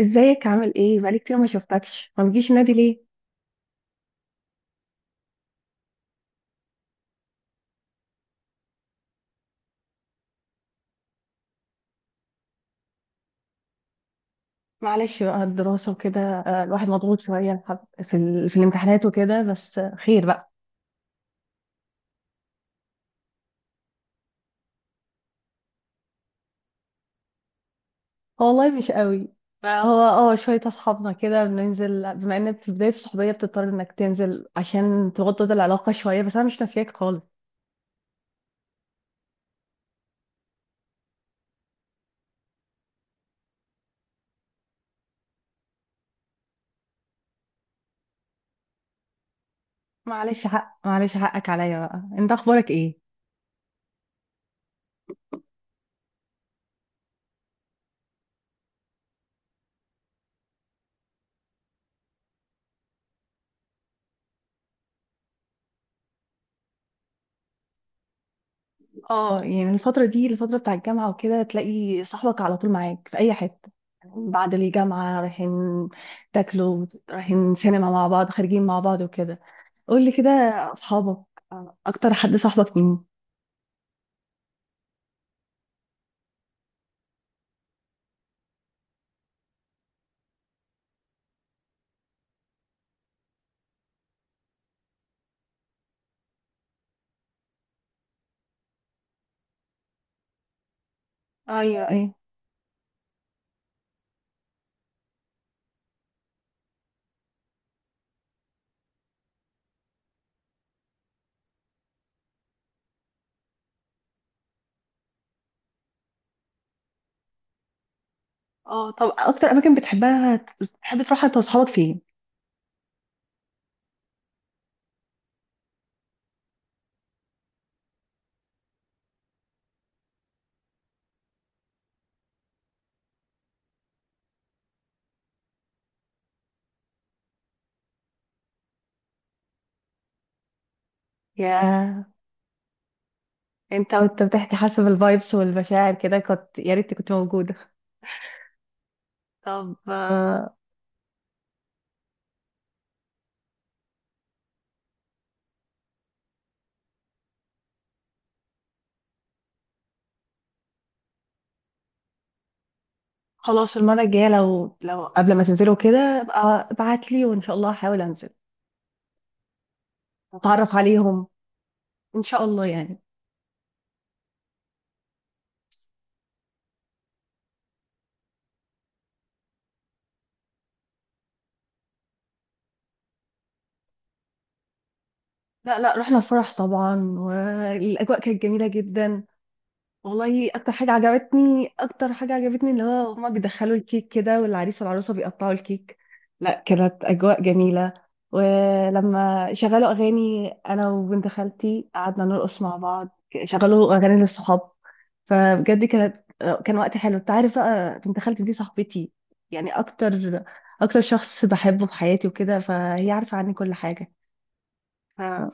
ازيك، عامل ايه؟ بقالي كتير ما شفتكش، ما بتجيش النادي ليه؟ معلش بقى، الدراسة وكده. الواحد مضغوط شوية، في الامتحانات وكده، بس خير بقى. والله مش قوي. فهو، اه شوية اصحابنا كده بننزل، بما ان في بداية الصحوبية بتضطر انك تنزل عشان توطد العلاقة شوية، بس انا مش ناسياك خالص. معلش، حقك عليا بقى. انت اخبارك ايه؟ اه يعني الفترة دي الفترة بتاع الجامعة وكده، تلاقي صاحبك على طول معاك في أي حتة. بعد الجامعة، رايحين تاكلوا، رايحين سينما مع بعض، خارجين مع بعض وكده. قولي كده، أصحابك، أكتر حد صاحبك مين؟ أيوة، أيوة. اه طب، أكتر أماكن بتحبها، بتحب تروحها أنت وأصحابك فين؟ يا أنت بتحكي حسب الفايبس والمشاعر كده، كنت يا ريت كنت موجودة. طب، خلاص، المرة الجاية، لو قبل ما تنزلوا كده ابقى ابعت لي، وإن شاء الله هحاول أنزل. اتعرف عليهم، ان شاء الله يعني. لا لا، رحنا الفرح طبعا، والاجواء كانت جميله جدا. والله، اكتر حاجه عجبتني، اللي هو هما بيدخلوا الكيك كده، والعريس والعروسه بيقطعوا الكيك. لا، كانت اجواء جميله. ولما شغلوا اغاني، انا وبنت خالتي قعدنا نرقص مع بعض، شغلوا اغاني للصحاب. فبجد كان وقت حلو. انت عارف بقى، بنت خالتي دي صاحبتي، يعني اكتر شخص بحبه في حياتي وكده، فهي عارفه عني كل حاجه. فكان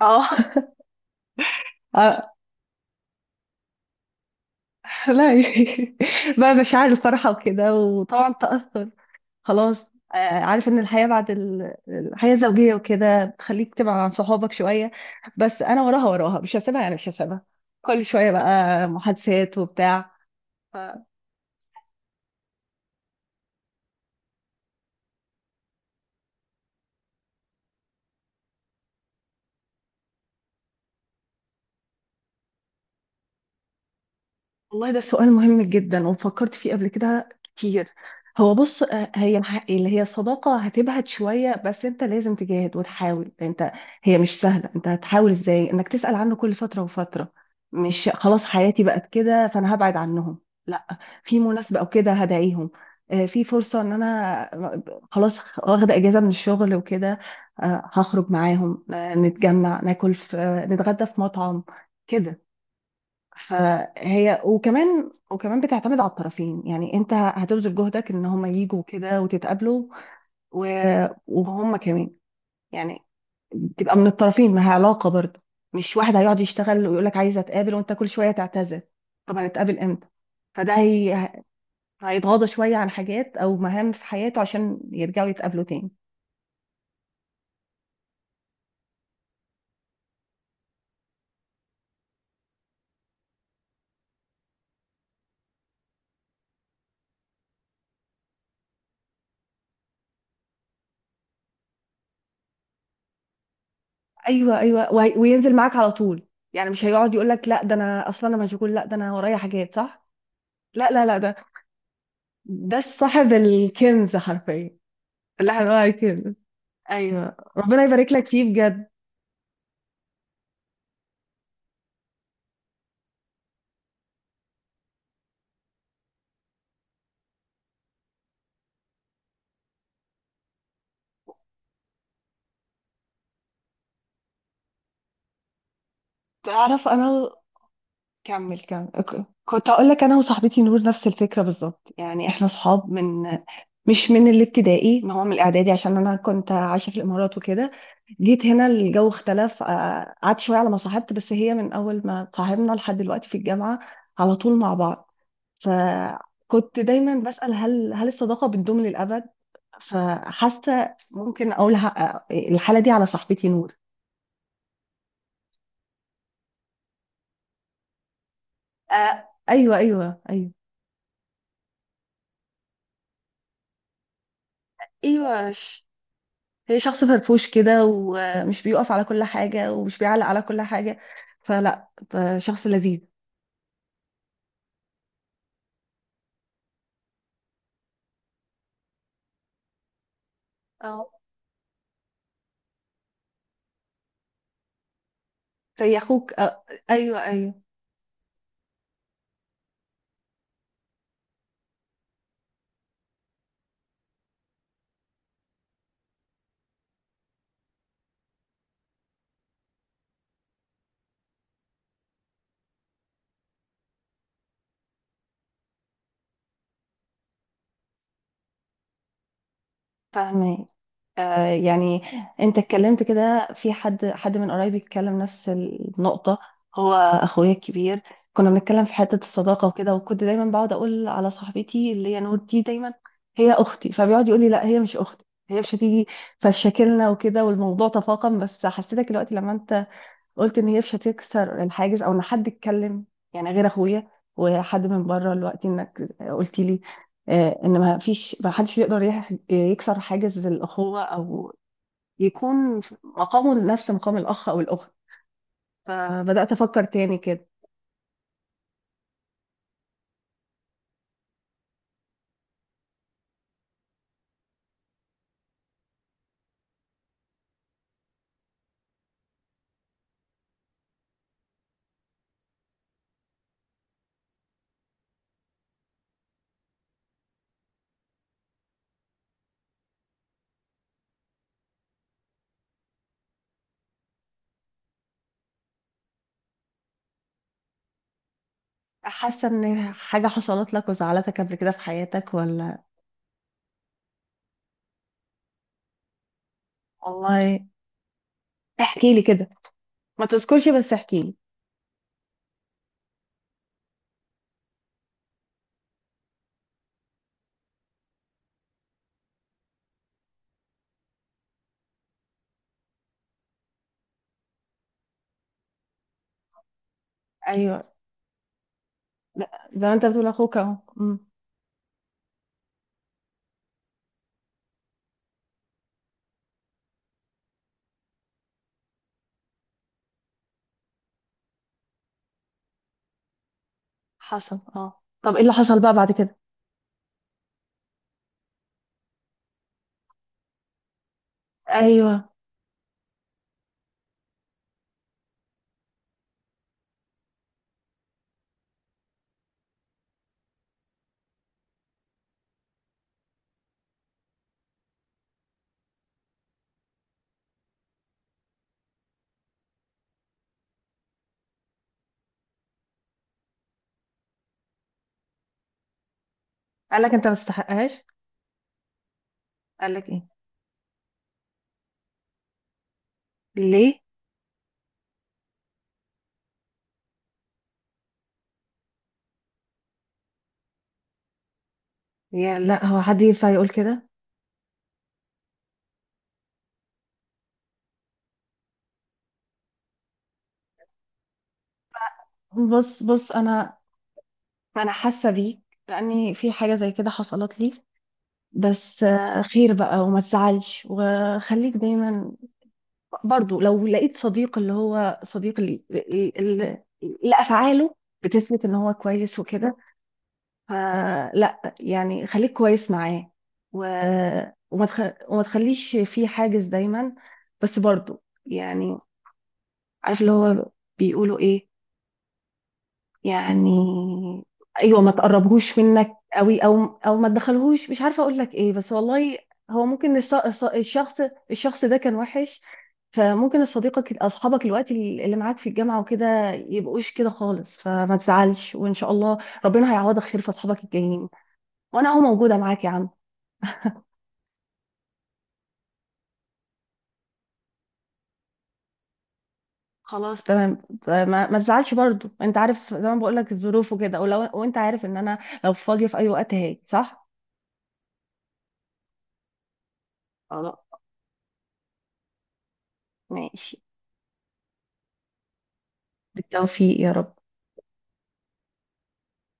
اه لا بقى مشاعر الفرحة وكده، وطبعا تأثر. خلاص، عارف ان الحياة بعد الحياة الزوجية وكده بتخليك تبعد عن صحابك شوية، بس انا وراها وراها، مش هسيبها يعني، مش هسيبها. كل شوية بقى، محادثات وبتاع. والله ده سؤال مهم جدا، وفكرت فيه قبل كده كتير. هو بص، هي اللي هي الصداقة هتبهت شوية، بس انت لازم تجاهد وتحاول. انت هي مش سهلة. انت هتحاول ازاي انك تسأل عنه كل فترة وفترة؟ مش خلاص حياتي بقت كده فانا هبعد عنهم. لا، في مناسبة او كده هدعيهم. في فرصة ان انا خلاص واخدة اجازة من الشغل وكده، هخرج معاهم، نتجمع، ناكل في... نتغدى في مطعم كده. فهي وكمان بتعتمد على الطرفين، يعني انت هتبذل جهدك ان هم يجوا كده وتتقابلوا، وهم كمان يعني، تبقى من الطرفين، ما هي علاقة برضه. مش واحد هيقعد يشتغل ويقول لك عايز اتقابل وانت كل شوية تعتذر، طب هنتقابل امتى؟ فده هيتغاضى شوية عن حاجات او مهام في حياته عشان يرجعوا يتقابلوا تاني. ايوه ايوه، وينزل معاك على طول، يعني مش هيقعد يقول لك لا ده انا اصلا مشغول، لا ده انا ورايا حاجات، صح. لا لا لا، ده صاحب الكنز حرفيا، اللي احنا بنقول عليه كنز. ايوه، ربنا يبارك لك فيه بجد. تعرف انا... كمل كمل. أوكي، كنت اقول لك، انا وصاحبتي نور نفس الفكره بالظبط. يعني احنا صحاب مش من الابتدائي، ما هو من الاعدادي، عشان انا كنت عايشه في الامارات وكده. جيت هنا الجو اختلف، قعدت شويه على ما صاحبت، بس هي من اول ما صاحبنا لحد دلوقتي في الجامعه على طول مع بعض. فكنت دايما بسأل، هل الصداقه بتدوم للابد؟ فحاسه ممكن اقول الحاله دي على صاحبتي نور. آه ايوه ايوه ايوه، ايوه هي شخص فرفوش كده، ومش بيقف على كل حاجه، ومش بيعلق على كل حاجه، فلا شخص لذيذ. اه، زي اخوك ايوه ايوه. فاهمة. يعني انت اتكلمت كده في حد من قرايبي اتكلم نفس النقطة، هو اخويا الكبير. كنا بنتكلم في حتة الصداقة وكده، وكنت دايما بقعد اقول على صاحبتي اللي هي نور دي دايما هي اختي، فبيقعد يقول لي لا هي مش اختي، هي مش هتيجي، فشاكلنا وكده والموضوع تفاقم. بس حسيتك دلوقتي لما انت قلت ان هي مش هتكسر الحاجز، او ان حد اتكلم يعني غير اخويا، وحد من بره، الوقت انك قلت لي ان ما حدش يقدر يكسر حاجز الاخوه، او يكون مقامه نفس مقام الاخ او الاخت. فبدات افكر تاني كده. حاسه ان حاجه حصلت لك وزعلتك قبل كده في حياتك، ولا؟ والله. احكي لي كده، ما تذكرش بس احكي لي. ايوه. لا، زي ما انت بتقول اخوك اهو. حصل. اه طب، ايه اللي حصل بقى بعد كده؟ ايوه. قال لك انت ما تستحقهاش؟ قال لك ايه؟ ليه؟ يعني لا، هو حد ينفع يقول كده؟ بص بص، انا حاسه بيك، لاني في حاجه زي كده حصلت لي. بس خير بقى، وما تزعلش، وخليك دايما، برضو لو لقيت صديق اللي هو صديق اللي افعاله بتثبت ان هو كويس وكده، فلا يعني خليك كويس معاه. و... وما تخ... وما تخليش في حاجز دايما، بس برضو يعني عارف اللي هو بيقولوا ايه، يعني ايوه، ما تقربهوش منك قوي، او ما تدخلهوش، مش عارفه اقول لك ايه، بس والله. هو ممكن الشخص ده كان وحش، فممكن اصحابك الوقت اللي معاك في الجامعه وكده يبقوش كده خالص، فما تزعلش، وان شاء الله ربنا هيعوضك خير في اصحابك الجايين، وانا اهو موجوده معاك يا عم. خلاص، تمام. ما تزعلش برضو. انت عارف زي ما بقول لك، الظروف وكده، وانت عارف ان انا لو فاضيه في اي وقت هاجي، صح؟ ماشي. بالتوفيق يا رب.